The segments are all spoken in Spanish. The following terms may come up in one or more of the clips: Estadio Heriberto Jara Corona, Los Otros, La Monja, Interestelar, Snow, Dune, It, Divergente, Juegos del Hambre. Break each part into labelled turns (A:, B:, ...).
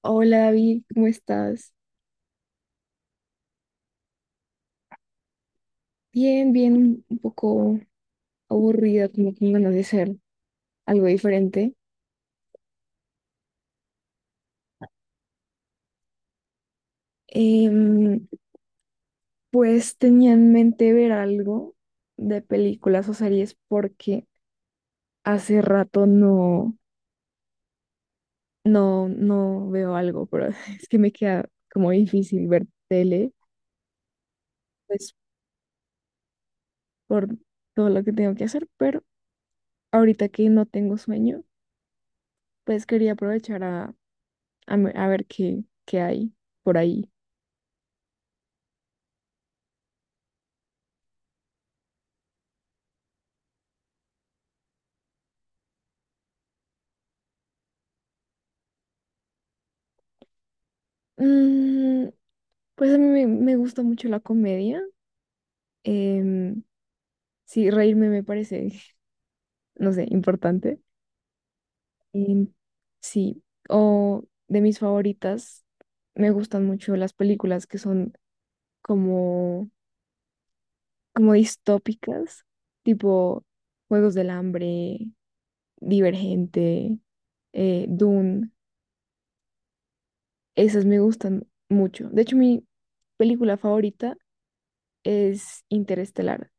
A: Hola David, ¿cómo estás? Bien, bien, un poco aburrida, como con ganas de hacer algo diferente. Em, pues tenía en mente ver algo de películas o series porque hace rato no veo algo, pero es que me queda como difícil ver tele, pues por todo lo que tengo que hacer, pero ahorita que no tengo sueño, pues quería aprovechar a ver qué hay por ahí. Mm, Pues a mí me gusta mucho la comedia. em, sí, reírme me parece, no sé, importante. Em, sí, o de mis favoritas, me gustan mucho las películas que son como, como distópicas, tipo Juegos del Hambre, Divergente, Dune. Esas me gustan mucho. De hecho, mi película favorita es Interestelar.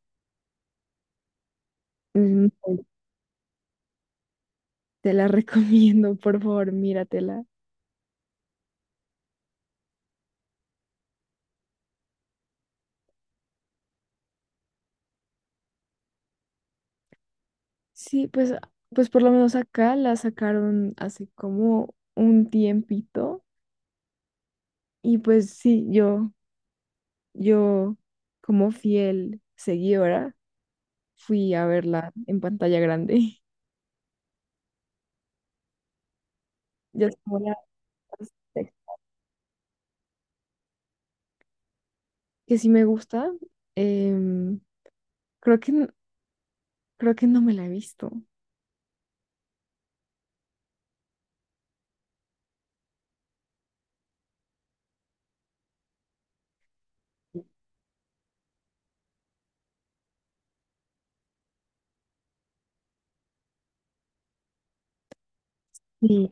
A: Mm, Te la recomiendo, por favor, míratela. Sí, pues por lo menos acá la sacaron hace como un tiempito y pues sí, yo como fiel seguidora fui a verla en pantalla grande. Ya es la sexta, que sí me gusta, em, creo que, n- creo que no me la he visto. Sí,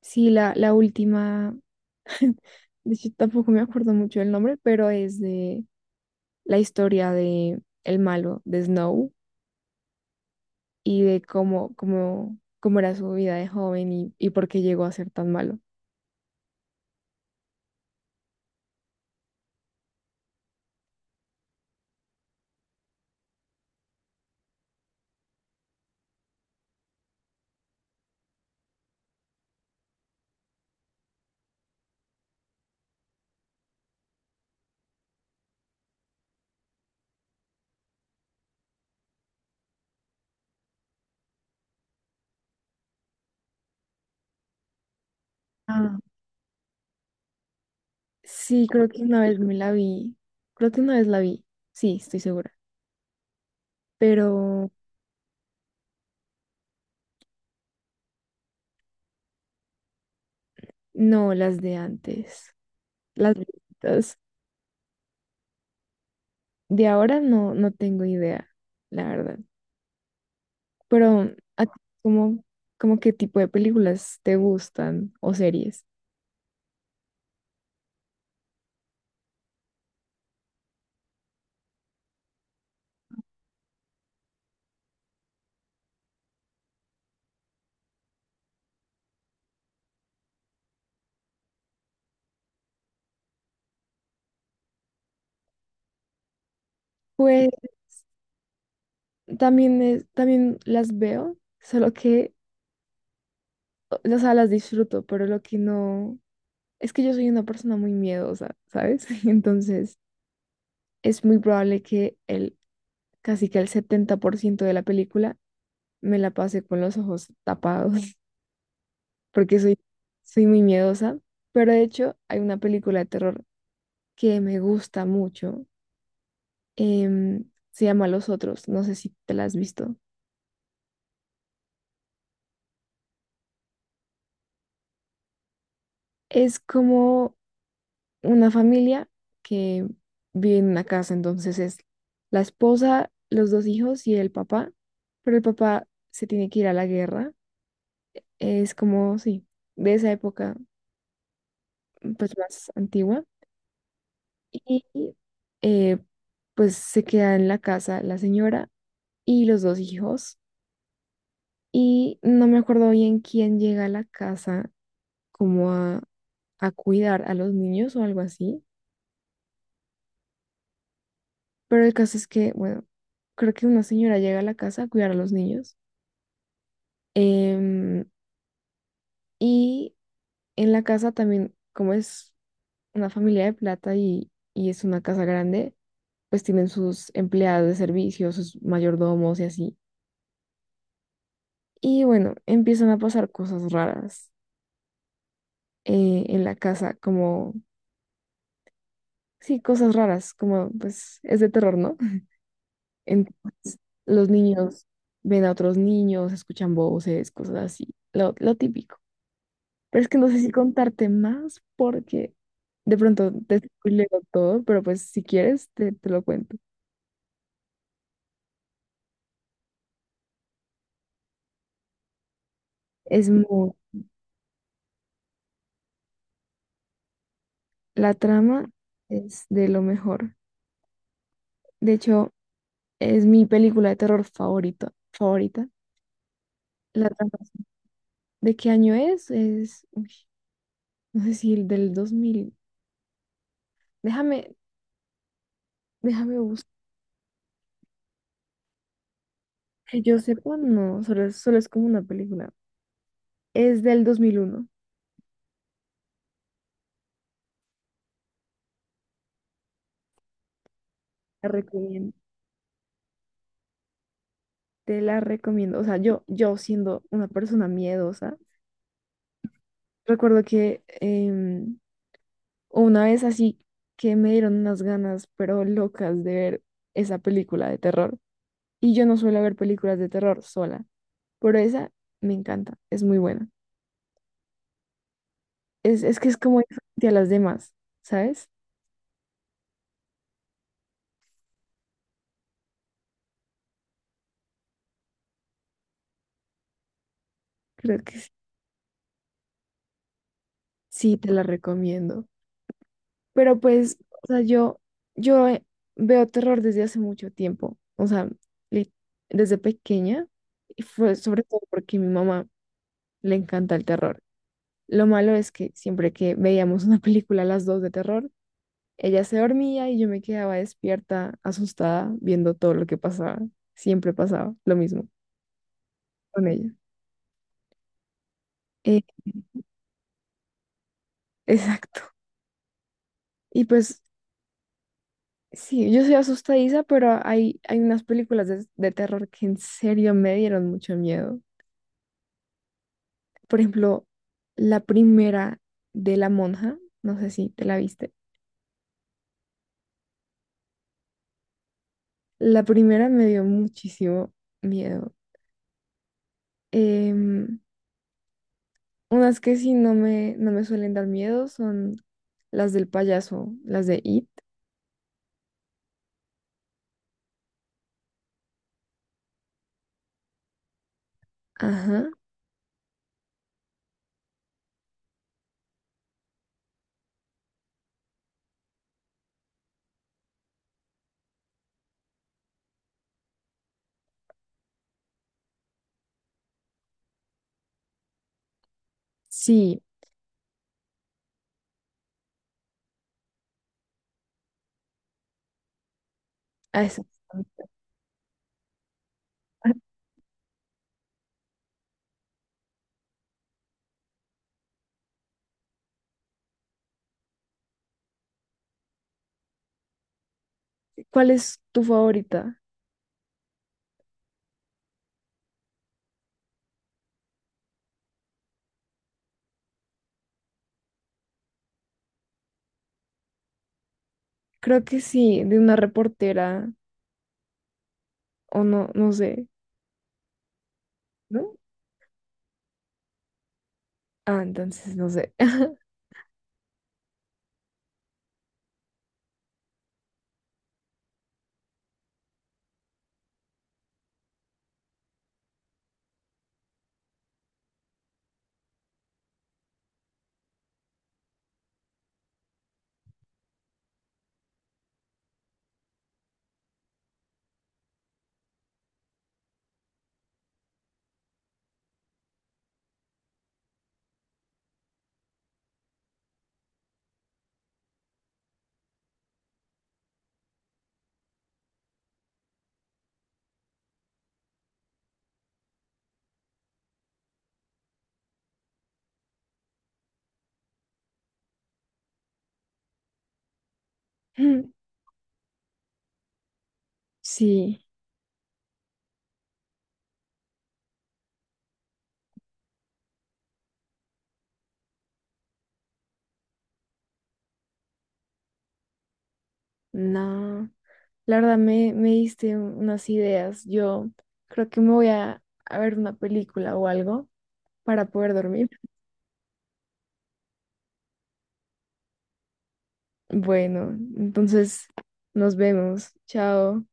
A: sí, la última, de hecho tampoco me acuerdo mucho el nombre, pero es de la historia de el malo de Snow. Y de cómo era su vida de joven y por qué llegó a ser tan malo. Ah, sí, creo que una vez me la vi. Creo que una vez la vi. Sí, estoy segura. Pero no, las de antes. Las viejitas. De ahora no, no tengo idea, la verdad. Pero, ¿a ti cómo, cómo qué tipo de películas te gustan o series? Pues también, también las veo, solo que, o sea, las disfruto, pero lo que no, es que yo soy una persona muy miedosa, ¿sabes? Entonces, es muy probable que casi que el 70% de la película me la pase con los ojos tapados, porque soy muy miedosa. Pero de hecho, hay una película de terror que me gusta mucho. em, Se llama Los Otros, no sé si te la has visto. Es como una familia que vive en una casa, entonces es la esposa, los dos hijos y el papá, pero el papá se tiene que ir a la guerra, es como, sí, de esa época pues más antigua y eh, pues se queda en la casa la señora y los dos hijos y no me acuerdo bien quién llega a la casa como a cuidar a los niños o algo así. Pero el caso es que, bueno, creo que una señora llega a la casa a cuidar a los niños. em, y en la casa también, como es una familia de plata y es una casa grande, pues tienen sus empleados de servicio, sus mayordomos y así. Y bueno, empiezan a pasar cosas raras en la casa, como, sí, cosas raras, como pues es de terror, ¿no? Entonces, los niños ven a otros niños, escuchan voces, cosas así, lo típico. Pero es que no sé si contarte más porque de pronto te spoileo todo, pero pues si quieres te lo cuento. Es muy, la trama es de lo mejor. De hecho, es mi película de terror favorita, favorita. La trama es- ¿De qué año es? Es, uy, no sé si el del 2000. Déjame, déjame buscar. Que yo sepa, no, solo, solo es como una película. Es del 2001. La recomiendo. Te la recomiendo. O sea, yo siendo una persona miedosa. Recuerdo que una vez así que me dieron unas ganas, pero locas, de ver esa película de terror. Y yo no suelo ver películas de terror sola, pero esa me encanta, es muy buena. Es que es como diferente a las demás, ¿sabes? Creo que sí, sí, te la recomiendo. Pero pues, o sea, yo veo terror desde hace mucho tiempo, o sea, li- desde pequeña, y fue sobre todo porque a mi mamá le encanta el terror. Lo malo es que siempre que veíamos una película a las dos de terror, ella se dormía y yo me quedaba despierta, asustada, viendo todo lo que pasaba. Siempre pasaba lo mismo con ella. Eh, exacto. Y pues sí, yo soy asustadiza, pero hay unas películas de terror que en serio me dieron mucho miedo. Por ejemplo, la primera de La Monja, no sé si te la viste. La primera me dio muchísimo miedo. Em, Unas que sí no me suelen dar miedo son las del payaso, las de It. Ajá. Sí, a esas. ¿Cuál es tu favorita? Creo que sí, de una reportera o no, no sé, ¿no? Ah, entonces no sé. Sí, no. La verdad me diste unas ideas. Yo creo que me voy a ver una película o algo para poder dormir. Bueno, entonces nos vemos. Chao.